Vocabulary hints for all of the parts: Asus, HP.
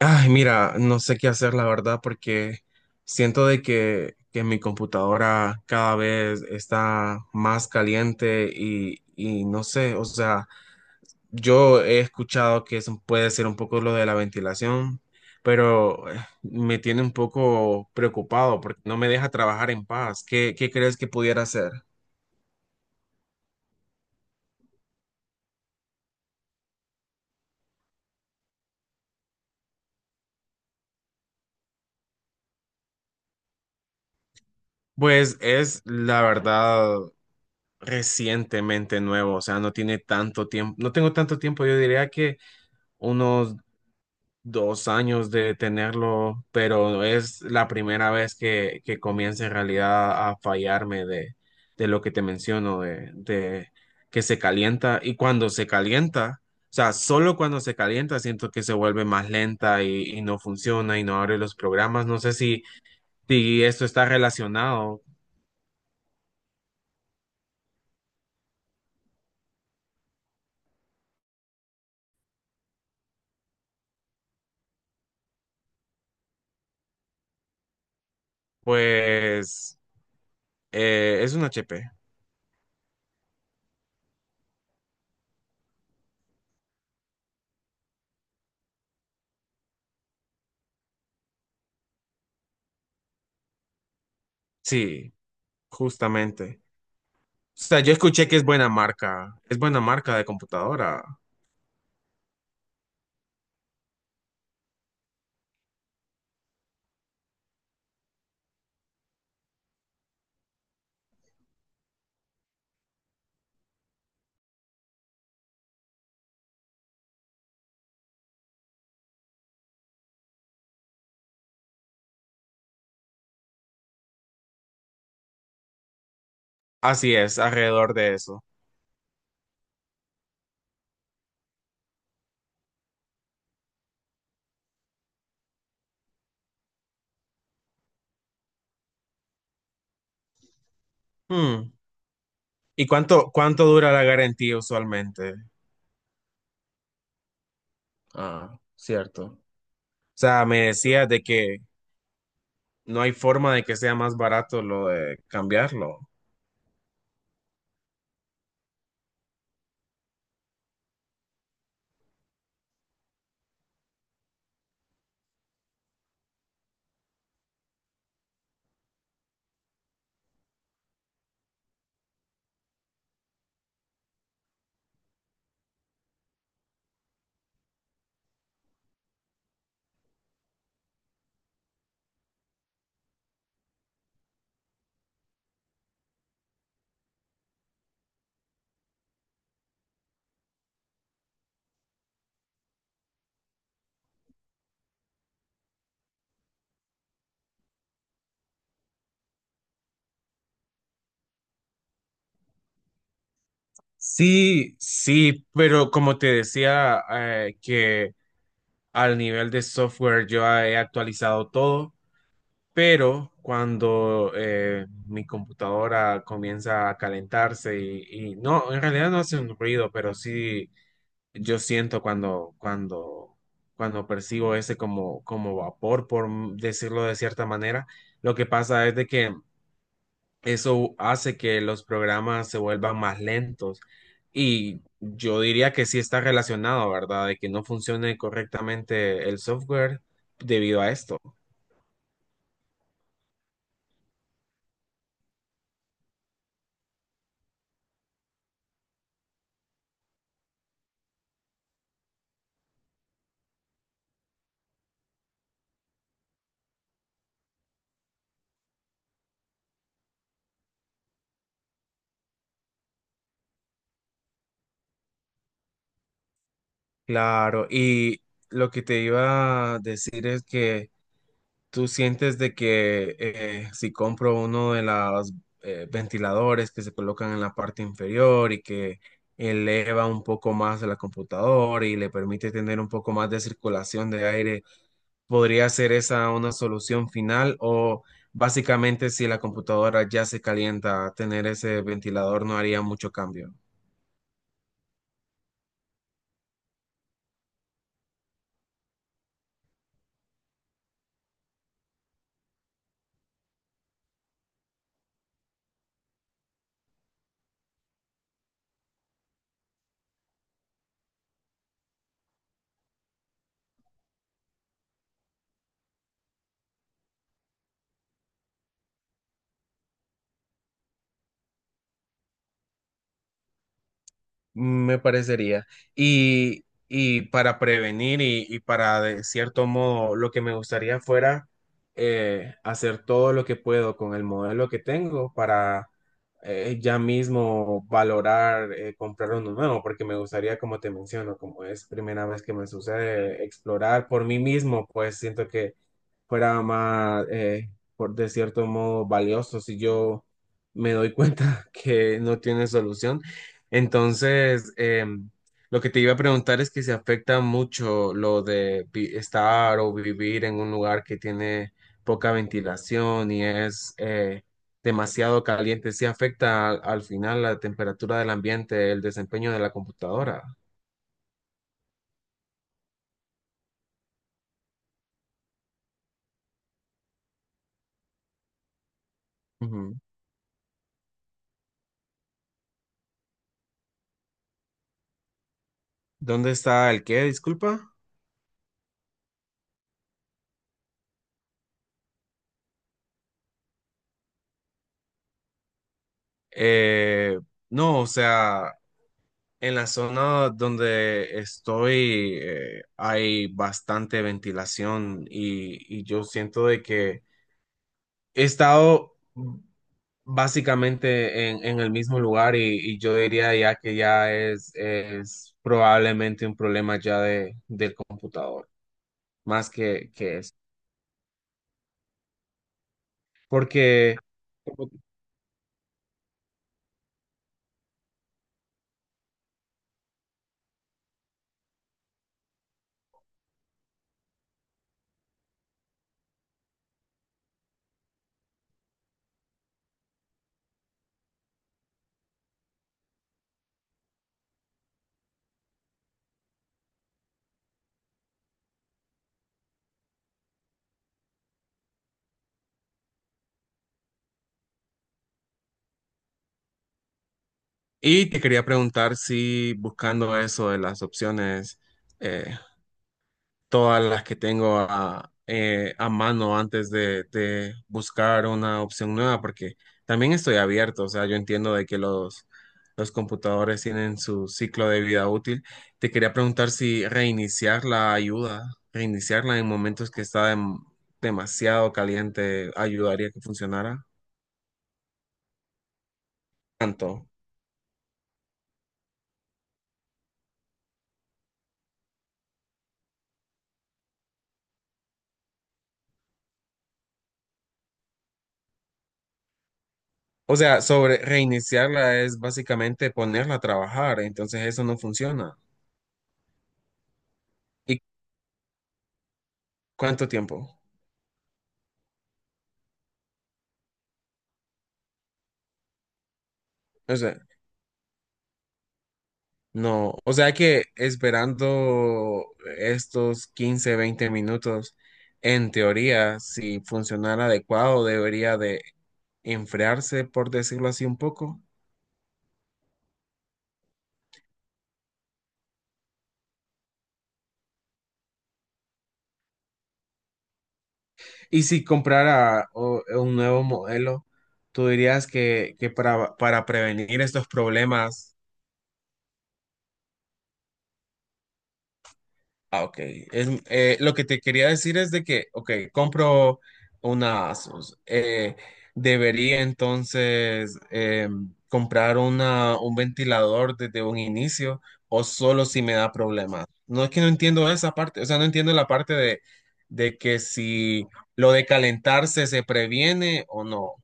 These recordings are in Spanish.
Ay, mira, no sé qué hacer, la verdad, porque siento de que mi computadora cada vez está más caliente y no sé, o sea, yo he escuchado que eso puede ser un poco lo de la ventilación, pero me tiene un poco preocupado porque no me deja trabajar en paz. ¿Qué crees que pudiera hacer? Pues es la verdad recientemente nuevo, o sea, no tiene tanto tiempo, no tengo tanto tiempo, yo diría que unos 2 años de tenerlo, pero es la primera vez que comienza en realidad a fallarme de lo que te menciono, de que se calienta y cuando se calienta, o sea, solo cuando se calienta siento que se vuelve más lenta y no funciona y no abre los programas. No sé si esto está relacionado, pues es un HP, sí, justamente. O sea, yo escuché que es buena marca de computadora. Así es, alrededor de eso. Hmm. ¿Y cuánto dura la garantía usualmente? Ah, cierto. O sea, me decías de que no hay forma de que sea más barato lo de cambiarlo. Sí, sí, pero como te decía, que al nivel de software yo he actualizado todo, pero cuando mi computadora comienza a calentarse y no, en realidad no hace un ruido, pero sí yo siento cuando percibo ese como vapor, por decirlo de cierta manera, lo que pasa es de que eso hace que los programas se vuelvan más lentos. Y yo diría que sí está relacionado, ¿verdad? De que no funcione correctamente el software debido a esto. Claro, y lo que te iba a decir es que ¿tú sientes de que si compro uno de los ventiladores que se colocan en la parte inferior y que eleva un poco más la computadora y le permite tener un poco más de circulación de aire, podría ser esa una solución final? ¿O básicamente si la computadora ya se calienta, tener ese ventilador no haría mucho cambio? Me parecería. Y para prevenir y para, de cierto modo, lo que me gustaría fuera hacer todo lo que puedo con el modelo que tengo para ya mismo valorar comprar uno nuevo, porque me gustaría, como te menciono, como es primera vez que me sucede, explorar por mí mismo, pues siento que fuera más, por de cierto modo, valioso si yo me doy cuenta que no tiene solución. Entonces, lo que te iba a preguntar es que se afecta mucho lo de estar o vivir en un lugar que tiene poca ventilación y es demasiado caliente. ¿Sí afecta al, al final la temperatura del ambiente, el desempeño de la computadora? Ujú. ¿Dónde está el qué? Disculpa. Eh, no, o sea, en la zona donde estoy hay bastante ventilación y yo siento de que he estado básicamente en el mismo lugar y yo diría ya que ya es probablemente un problema ya del computador, más que eso. Porque, y te quería preguntar si buscando eso de las opciones, eh, todas las que tengo a mano antes de buscar una opción nueva, porque también estoy abierto, o sea, yo entiendo de que los computadores tienen su ciclo de vida útil. Te quería preguntar si reiniciar la ayuda, reiniciarla en momentos que está demasiado caliente, ayudaría que funcionara tanto. O sea, sobre reiniciarla es básicamente ponerla a trabajar, entonces eso no funciona. ¿Y cuánto tiempo? No, o sea que esperando estos 15 20 minutos, en teoría, si funcionara adecuado, debería de enfriarse, por decirlo así, un poco. Y si comprara un nuevo modelo, tú dirías que para prevenir estos problemas Ah, ok. Es, lo que te quería decir es de que, ok, compro una Asus. Debería entonces comprar una, un ventilador desde un inicio o solo si me da problemas. No es que no entiendo esa parte, o sea, no entiendo la parte de que si lo de calentarse se previene o no.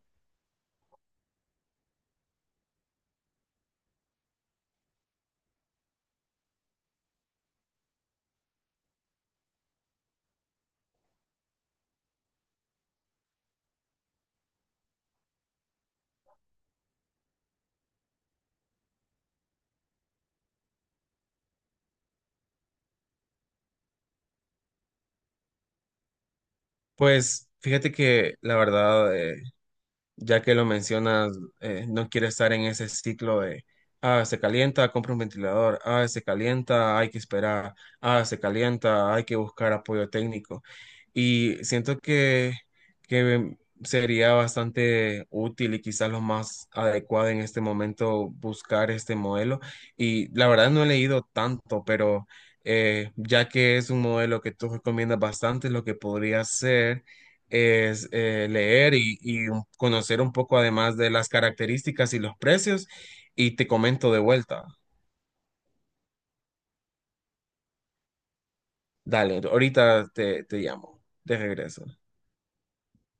Pues fíjate que la verdad, ya que lo mencionas, no quiere estar en ese ciclo de, ah, se calienta, compra un ventilador, ah, se calienta, hay que esperar, ah, se calienta, hay que buscar apoyo técnico. Y siento que sería bastante útil y quizás lo más adecuado en este momento buscar este modelo. Y la verdad no he leído tanto, pero, ya que es un modelo que tú recomiendas bastante, lo que podría ser es leer y conocer un poco además de las características y los precios y te comento de vuelta. Dale, ahorita te llamo, de regreso.